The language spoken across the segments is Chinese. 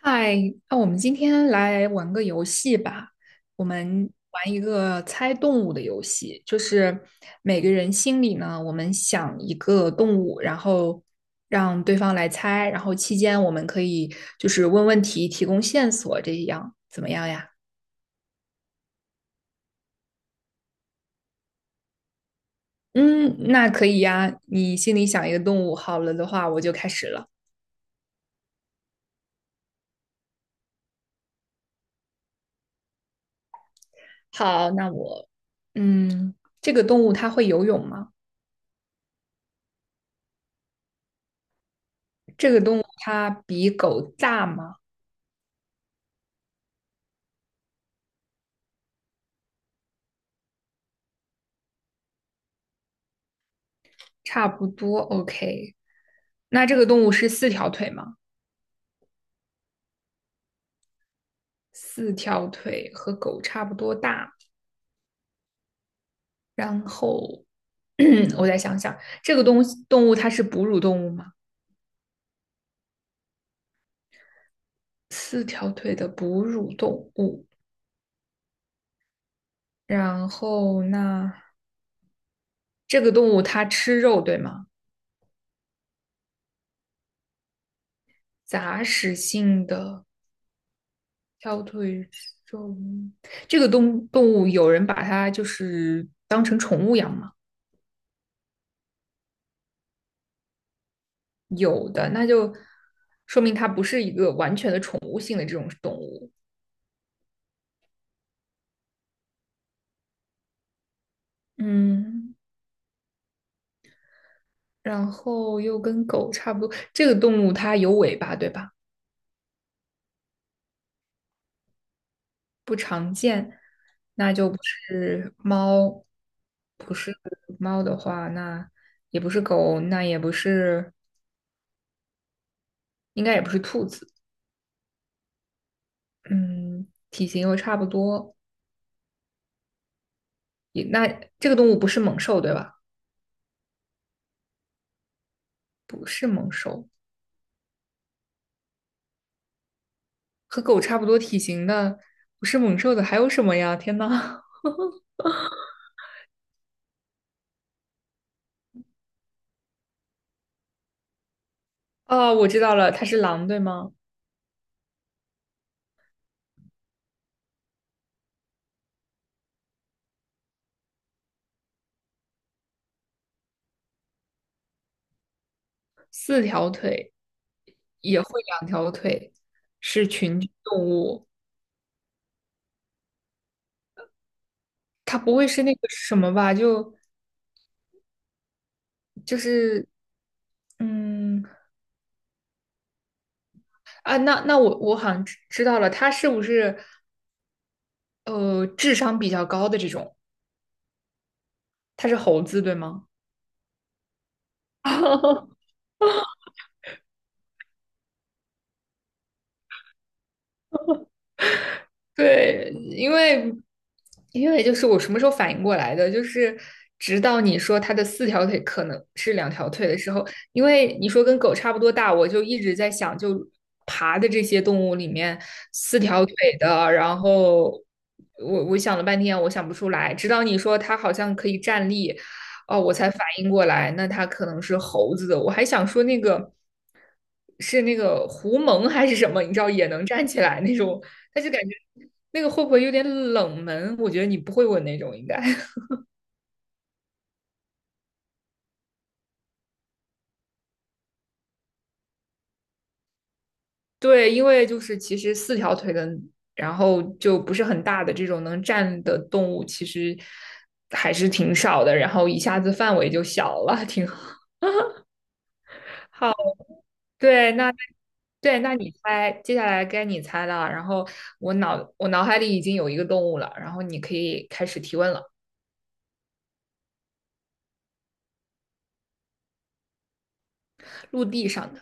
嗨，那我们今天来玩个游戏吧。我们玩一个猜动物的游戏，就是每个人心里呢，我们想一个动物，然后让对方来猜，然后期间我们可以就是问问题，提供线索，这样怎么样呀？嗯，那可以呀。你心里想一个动物，好了的话，我就开始了。好，那我，嗯，这个动物它会游泳吗？这个动物它比狗大吗？差不多，OK。那这个动物是四条腿吗？四条腿和狗差不多大。然后 我再想想，这个动物它是哺乳动物吗？四条腿的哺乳动物。然后那这个动物它吃肉，对吗？杂食性的条腿肉，这个动物有人把它就是当成宠物养吗？有的，那就说明它不是一个完全的宠物性的这种动物。嗯，然后又跟狗差不多，这个动物它有尾巴，对吧？那就不是猫，不是猫的话，那也不是狗，那也不是，应该也不是兔子。嗯，体型又差不多，也那这个动物不是猛兽，对吧？不是猛兽，和狗差不多体型的，不是猛兽的还有什么呀？天呐！哦，我知道了，它是狼，对吗？四条腿也会两条腿，是群居动物。它不会是那个什么吧？就是嗯啊，那那我好像知道了，它是不是智商比较高的这种？它是猴子，对吗？对，因为就是我什么时候反应过来的，就是直到你说它的四条腿可能是两条腿的时候，因为你说跟狗差不多大，我就一直在想，就爬的这些动物里面，四条腿的，然后我想了半天，我想不出来，直到你说它好像可以站立，哦，我才反应过来，那它可能是猴子的，我还想说那个。是那个狐獴还是什么？你知道也能站起来那种，但是感觉那个会不会有点冷门？我觉得你不会问那种，应该 对，因为就是其实四条腿的，然后就不是很大的这种能站的动物，其实还是挺少的，然后一下子范围就小了，挺好。好，对，那对，那你猜，接下来该你猜了。然后我脑海里已经有一个动物了，然后你可以开始提问了。陆地上的，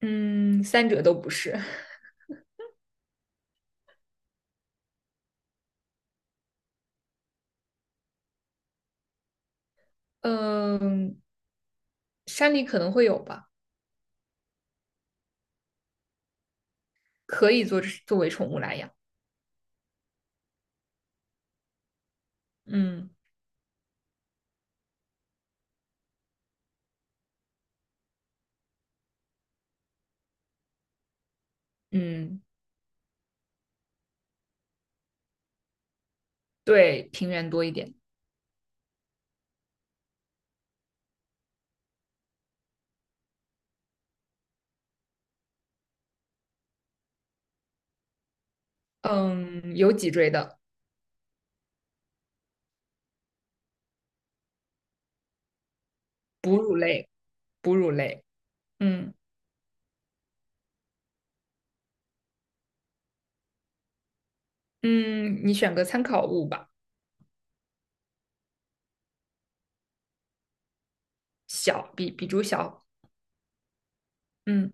嗯，三者都不是，嗯，山里可能会有吧。可以作为宠物来养。嗯嗯，对，平原多一点。嗯，有脊椎的，哺乳类，哺乳类。嗯嗯，你选个参考物吧，小，比猪小。嗯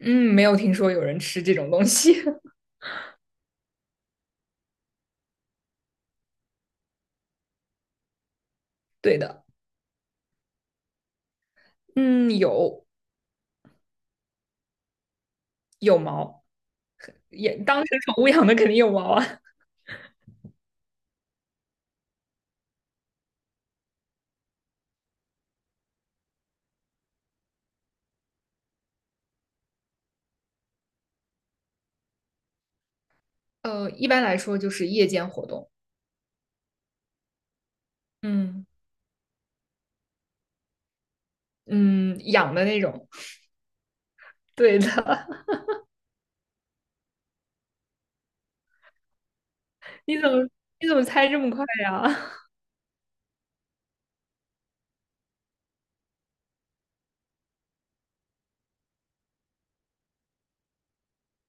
嗯，没有听说有人吃这种东西。对的，嗯，有有毛，也当成宠物养的肯定有毛啊。呃，一般来说就是夜间活动。嗯嗯，养的那种。对的，你怎么你怎么猜这么快呀？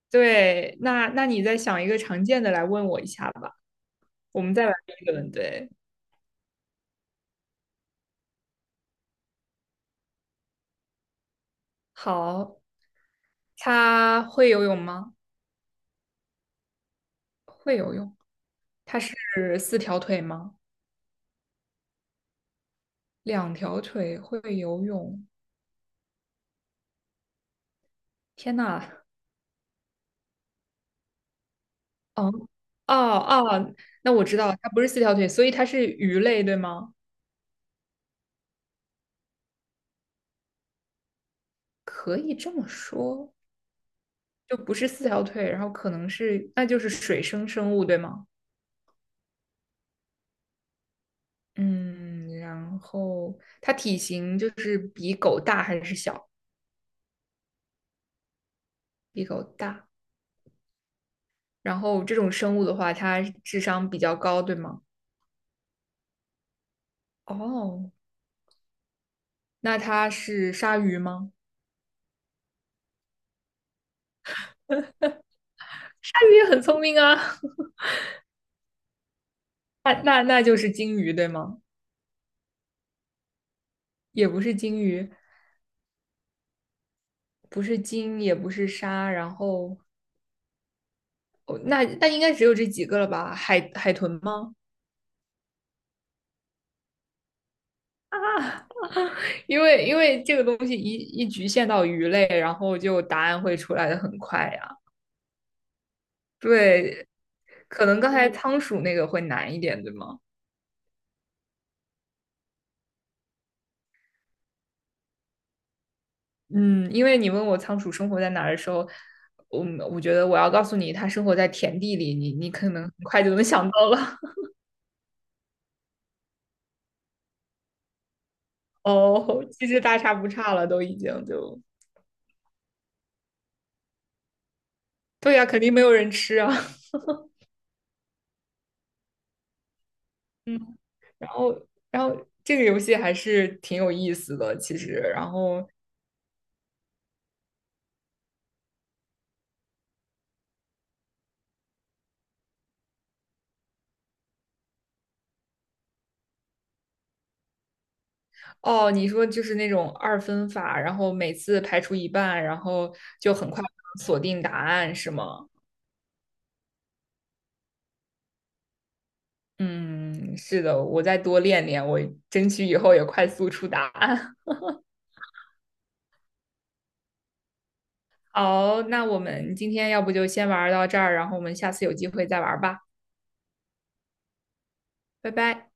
对，那那你再想一个常见的来问我一下吧，我们再来一轮。对，好，它会游泳吗？会游泳。它是四条腿吗？两条腿会游泳。天呐，哦哦，那我知道它不是四条腿，所以它是鱼类，对吗？可以这么说，就不是四条腿，然后可能是，那就是水生生物，对吗？嗯，然后它体型就是比狗大还是小？比狗大。然后这种生物的话，它智商比较高，对吗？哦，那它是鲨鱼吗？鲨鱼也很聪明啊。那就是鲸鱼，对吗？也不是鲸鱼，不是鲸，也不是鲨。然后哦，那那应该只有这几个了吧？海豚吗？啊，因为这个东西局限到鱼类，然后就答案会出来的很快呀。对，可能刚才仓鼠那个会难一点，对吗？嗯，因为你问我仓鼠生活在哪儿的时候，我我觉得我要告诉你，它生活在田地里，你可能很快就能想到了。哦，其实大差不差了，都已经就，对呀，肯定没有人吃啊。嗯，然后这个游戏还是挺有意思的，其实。然后哦，你说就是那种二分法，然后每次排除一半，然后就很快锁定答案，是吗？嗯，是的，我再多练练，我争取以后也快速出答案。好，那我们今天要不就先玩到这儿，然后我们下次有机会再玩吧，拜拜。